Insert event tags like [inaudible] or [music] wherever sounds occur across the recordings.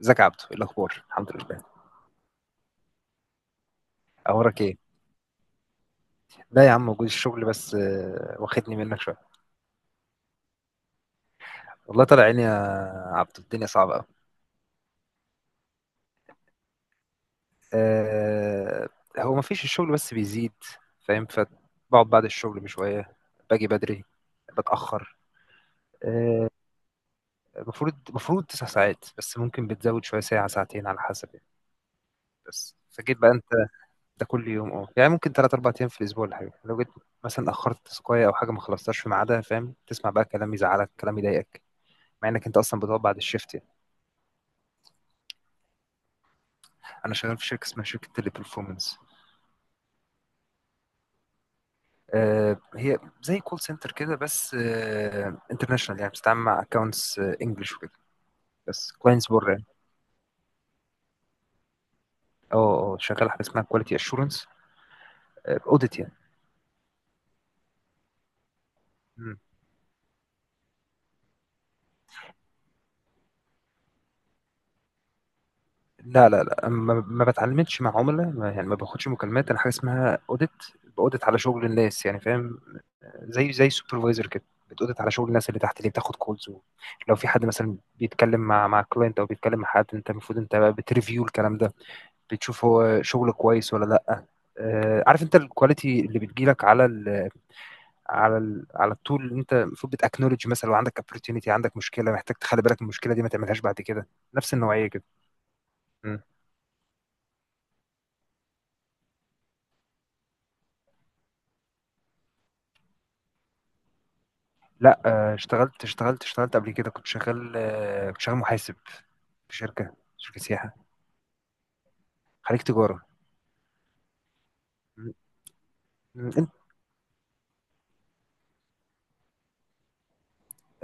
ازيك يا عبدو؟ ايه الاخبار؟ الحمد لله. اخبارك ايه؟ لا يا عم، موجود. الشغل بس واخدني منك شويه. والله طالع عيني يا عبدو، الدنيا صعبه قوي. أه هو ما فيش الشغل بس بيزيد، فاهم؟ فبقعد بعد الشغل بشويه، باجي بدري، بتاخر. آه، المفروض تسع ساعات، بس ممكن بتزود شويه، ساعه ساعتين على حسب يعني. بس فجيت بقى انت. ده كل يوم، اه، يعني ممكن ثلاث اربع ايام في الاسبوع. ولا حاجه، لو جيت مثلا اخرت تسقايه او حاجه ما خلصتهاش في ميعادها، فاهم؟ تسمع بقى كلام يزعلك، كلام يضايقك، مع انك انت اصلا بتقعد بعد الشيفت يعني. انا شغال في شركه اسمها شركه تيلي برفورمانس. هي زي كول سنتر كده، بس انترناشونال، يعني بتتعامل مع اكونتس انجلش وكده، بس كلاينتس بره يعني. اه اه، شغال حاجه اسمها كواليتي اشورنس، اوديت يعني. مم. لا لا لا، ما بتعلمتش مع عملاء، يعني ما باخدش مكالمات. انا حاجه اسمها اوديت، باوديت على شغل الناس، يعني فاهم؟ زي سوبرفايزر كده. بتأودت على شغل الناس اللي تحت، اللي بتاخد كولز. لو في حد مثلا بيتكلم مع كلاينت، او بيتكلم مع حد، انت المفروض انت بقى بتريفيو الكلام ده، بتشوف هو شغل كويس ولا لا. عارف؟ انت الكواليتي اللي بتجيلك على ال التول، اللي انت المفروض بتاكنولج. مثلا لو عندك opportunity، عندك مشكله، محتاج تخلي بالك من المشكله دي، ما تعملهاش بعد كده. نفس النوعيه كده. م. لا، اشتغلت قبل كده. كنت شغال، كنت شغال محاسب في شركه سياحه. خليك تجاره. م. م.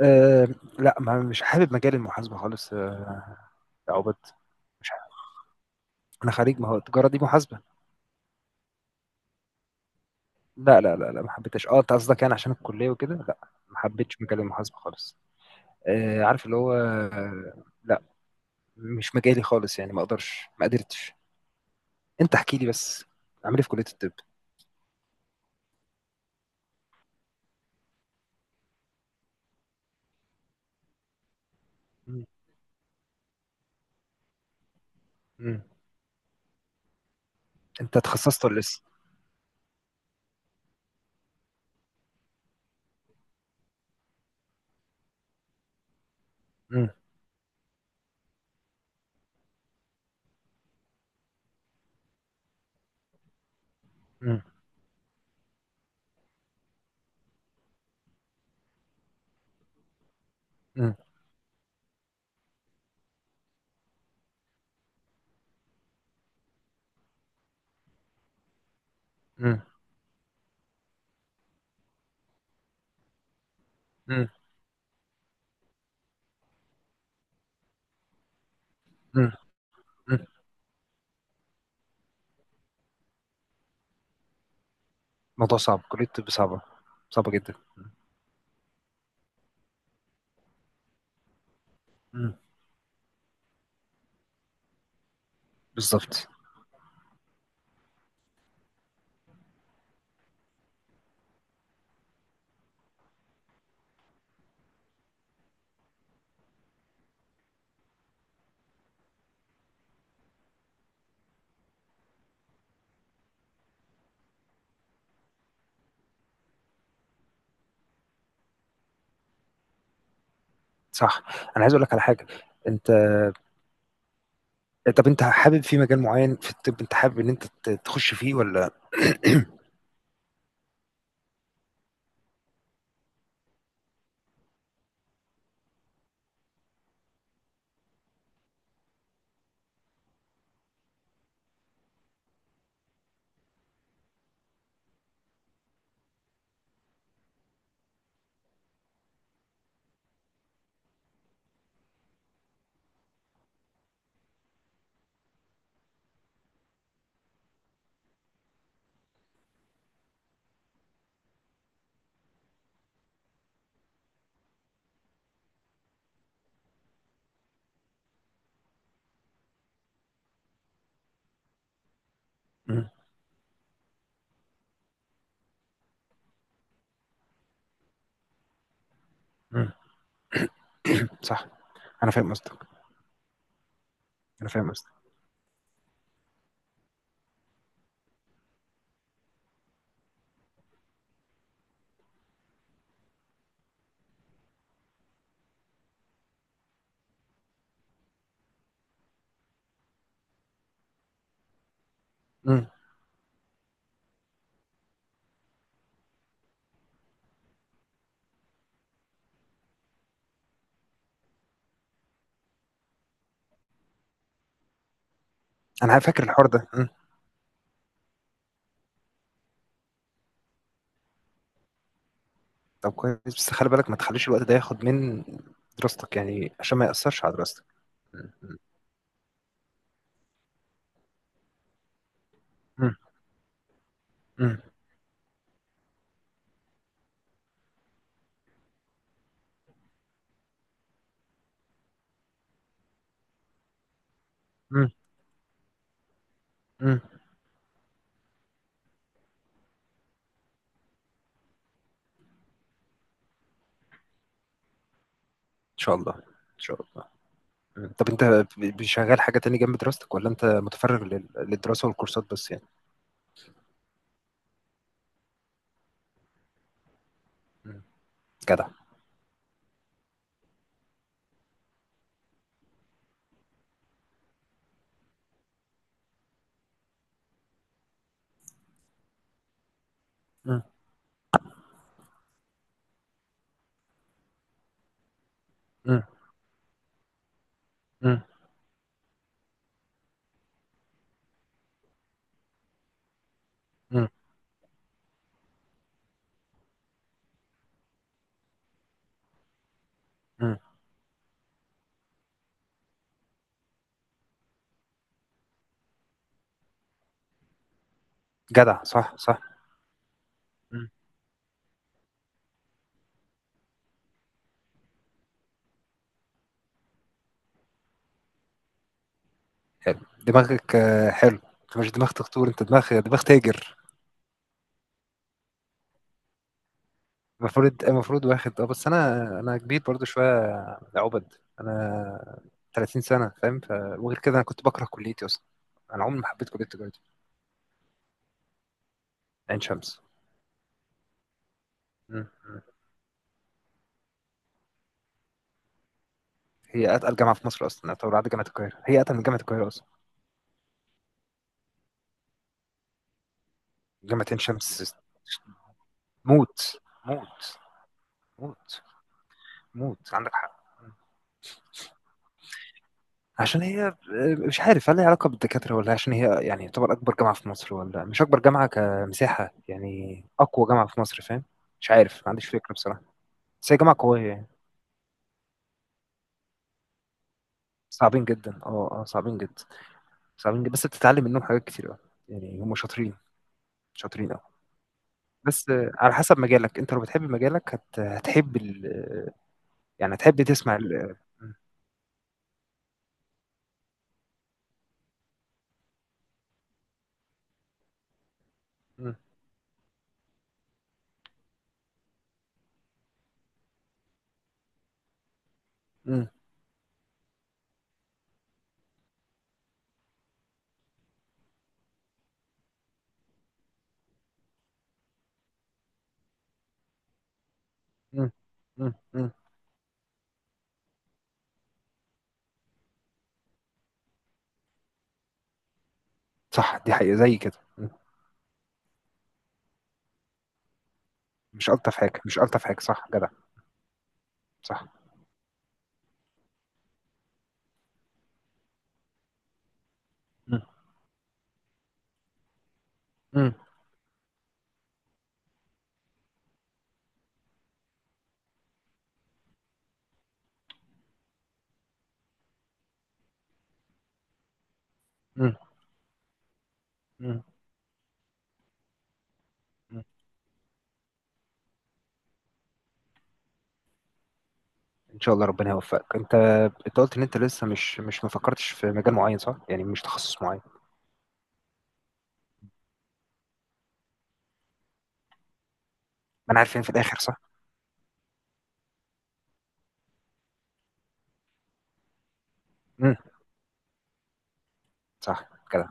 أه لا، ما مش حابب مجال المحاسبة خالص. يا عبد، مش حابب. انا خريج، ما هو التجارة دي محاسبة. لا لا لا لا، ما حبيتهاش. اه، انت قصدك يعني عشان الكلية وكده؟ لا، ما حبيتش مجال المحاسبة خالص. عارف اللي هو، لا، مش مجالي خالص يعني. ما قدرتش. انت احكي لي بس، عامل ايه في كلية الطب؟ مم. مم. انت اتخصصت ولا لسه؟ مم. مم. مم. مم. مم. مم. مم. موضوع صعب، كلية الطب صعبة، صعبة جدا. مم. بالظبط. صح. أنا عايز أقول لك على حاجة، أنت، طب أنت حابب في مجال معيّن في الطِب؟ أنت حابب إن أنت تخُش فيه والّا؟ إمم. إمم. [clears throat] صح. أنا فاهم قصدك. أنا فاهم قصدك. إمم، أنا فاكر الحوار ده. إمم، طب كويس، بس خلِّ بالك ما تخلّيش الوقت ده ياخُد من دراستك يعني، عشان ما يأثّرش على دراستك. إمم. إمم. إمم. إمم. إمم. إمم. إن شاء الله، إن شاء الله. إمم، طب أنت ب شغّال حاجة تاني جنب دراستك، والّا أنت مُتفرِّغ للدراسة والكورسات بس يعني؟ إمم. جدع. إمم. إمم. إمم. إمم. إمم. جدع، صح صح. مم. حلو. دماغك، حلو. انت مش دماغ تخطور، انت دماغ تاجر. المفروض واخد، اه، بس انا كبير برضو شويه يا عبد. انا 30 سنه، فاهم؟ وغير كده انا كنت بكره كليتي اصلا، انا عمري ما حبيت كليه التجاره دي. عين شمس. مم. مم. هي اتقل جامعه في مصر اصلا، طبعا بعد جامعه القاهره. هي اتقل من جامعه القاهره اصلا. جامعه عين شمس، موت. موت. موت. موت. عندك حق. عشان هي، مش عارف هل لها علاقة بالدكاترة، ولا عشان هي يعني يعتبر أكبر جامعة في مصر، ولا مش أكبر جامعة كمساحة، يعني أقوى جامعة في مصر، فاهم؟ مش عارف، ما عنديش فكرة بصراحة، بس هي جامعة قوية يعني. صعبين جدا، اه اه، صعبين جدا، صعبين جدا. بس بتتعلم منهم حاجات كتير أوي، يعني هم شاطرين، شاطرين أوي. بس على حسب مجالك. أنت لو بتحب مجالك هتحب يعني هتحب تسمع م- م- م- م- م- صح، دي حقيقة زي كده. مش ألطف حاجة، مش ألطف حاجة، صح جدع. صح. م. مم. مم. مم. مم. ان شاء الله ربنا يوفقك. انت، انت قلت ان انت لسه مش مش ما فكرتش في مجال معين، صح؟ يعني مش تخصص معين. ما انا عارف، فين في الاخر؟ صح. مم. صح كده.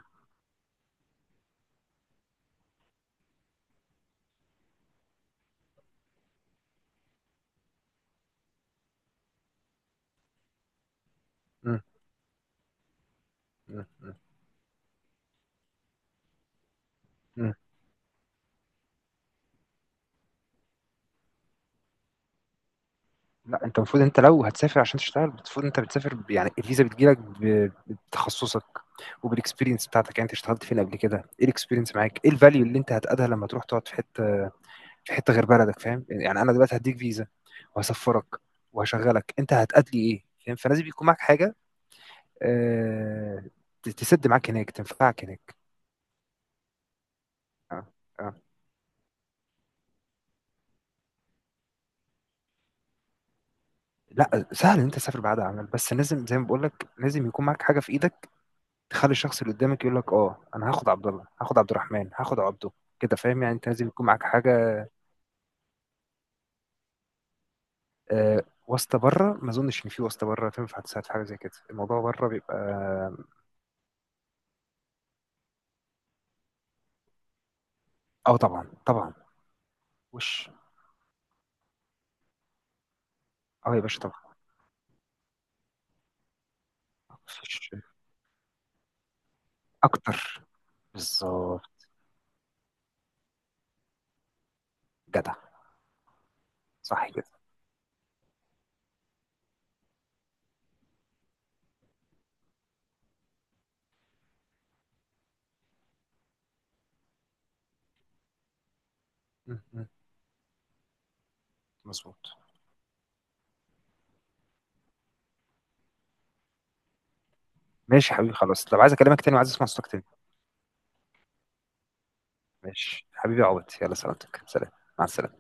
مم. مم. مم. مم. لا، انت المفروض، انت لو هتسافر عشان تشتغل، المفروض انت بتسافر يعني الفيزا بتجيلك بتخصصك وبالاكسبيرينس بتاعتك. يعني انت اشتغلت فين قبل كده، ايه الاكسبيرينس معاك، ايه الفاليو اللي انت هتقدها لما تروح تقعد في حته غير بلدك، فاهم يعني؟ انا دلوقتي هديك فيزا وهسفرك وهشغلك، انت هتأدي ايه؟ فاهم؟ فلازم يكون معاك حاجه، آه، تسد معاك هناك، تنفعك هناك. آه، آه. لا، سهل ان انت تسافر بعد عمل، بس لازم زي ما بقول لك، لازم يكون معاك حاجه في ايدك، تخلي الشخص اللي قدامك يقول لك اه انا هاخد عبد الله، هاخد عبد الرحمن، هاخد عبده كده، فاهم يعني؟ انت لازم يكون معاك حاجه. واسطه بره ما اظنش ان في واسطه بره تنفع تساعد في حاجه زي كده. الموضوع بره بيبقى، اه طبعا طبعا. وش. اه يا باشا طبعا. وش. اكتر. بالظبط. جدع. صح كده. م. مظبوط. ماشي يا حبيبي، خلاص، لو عايز اكلمك تاني، وعايز اسمع صوتك تاني. ماشي حبيبي يا عبد، يلا سلامتك، سلام. مع السلامة.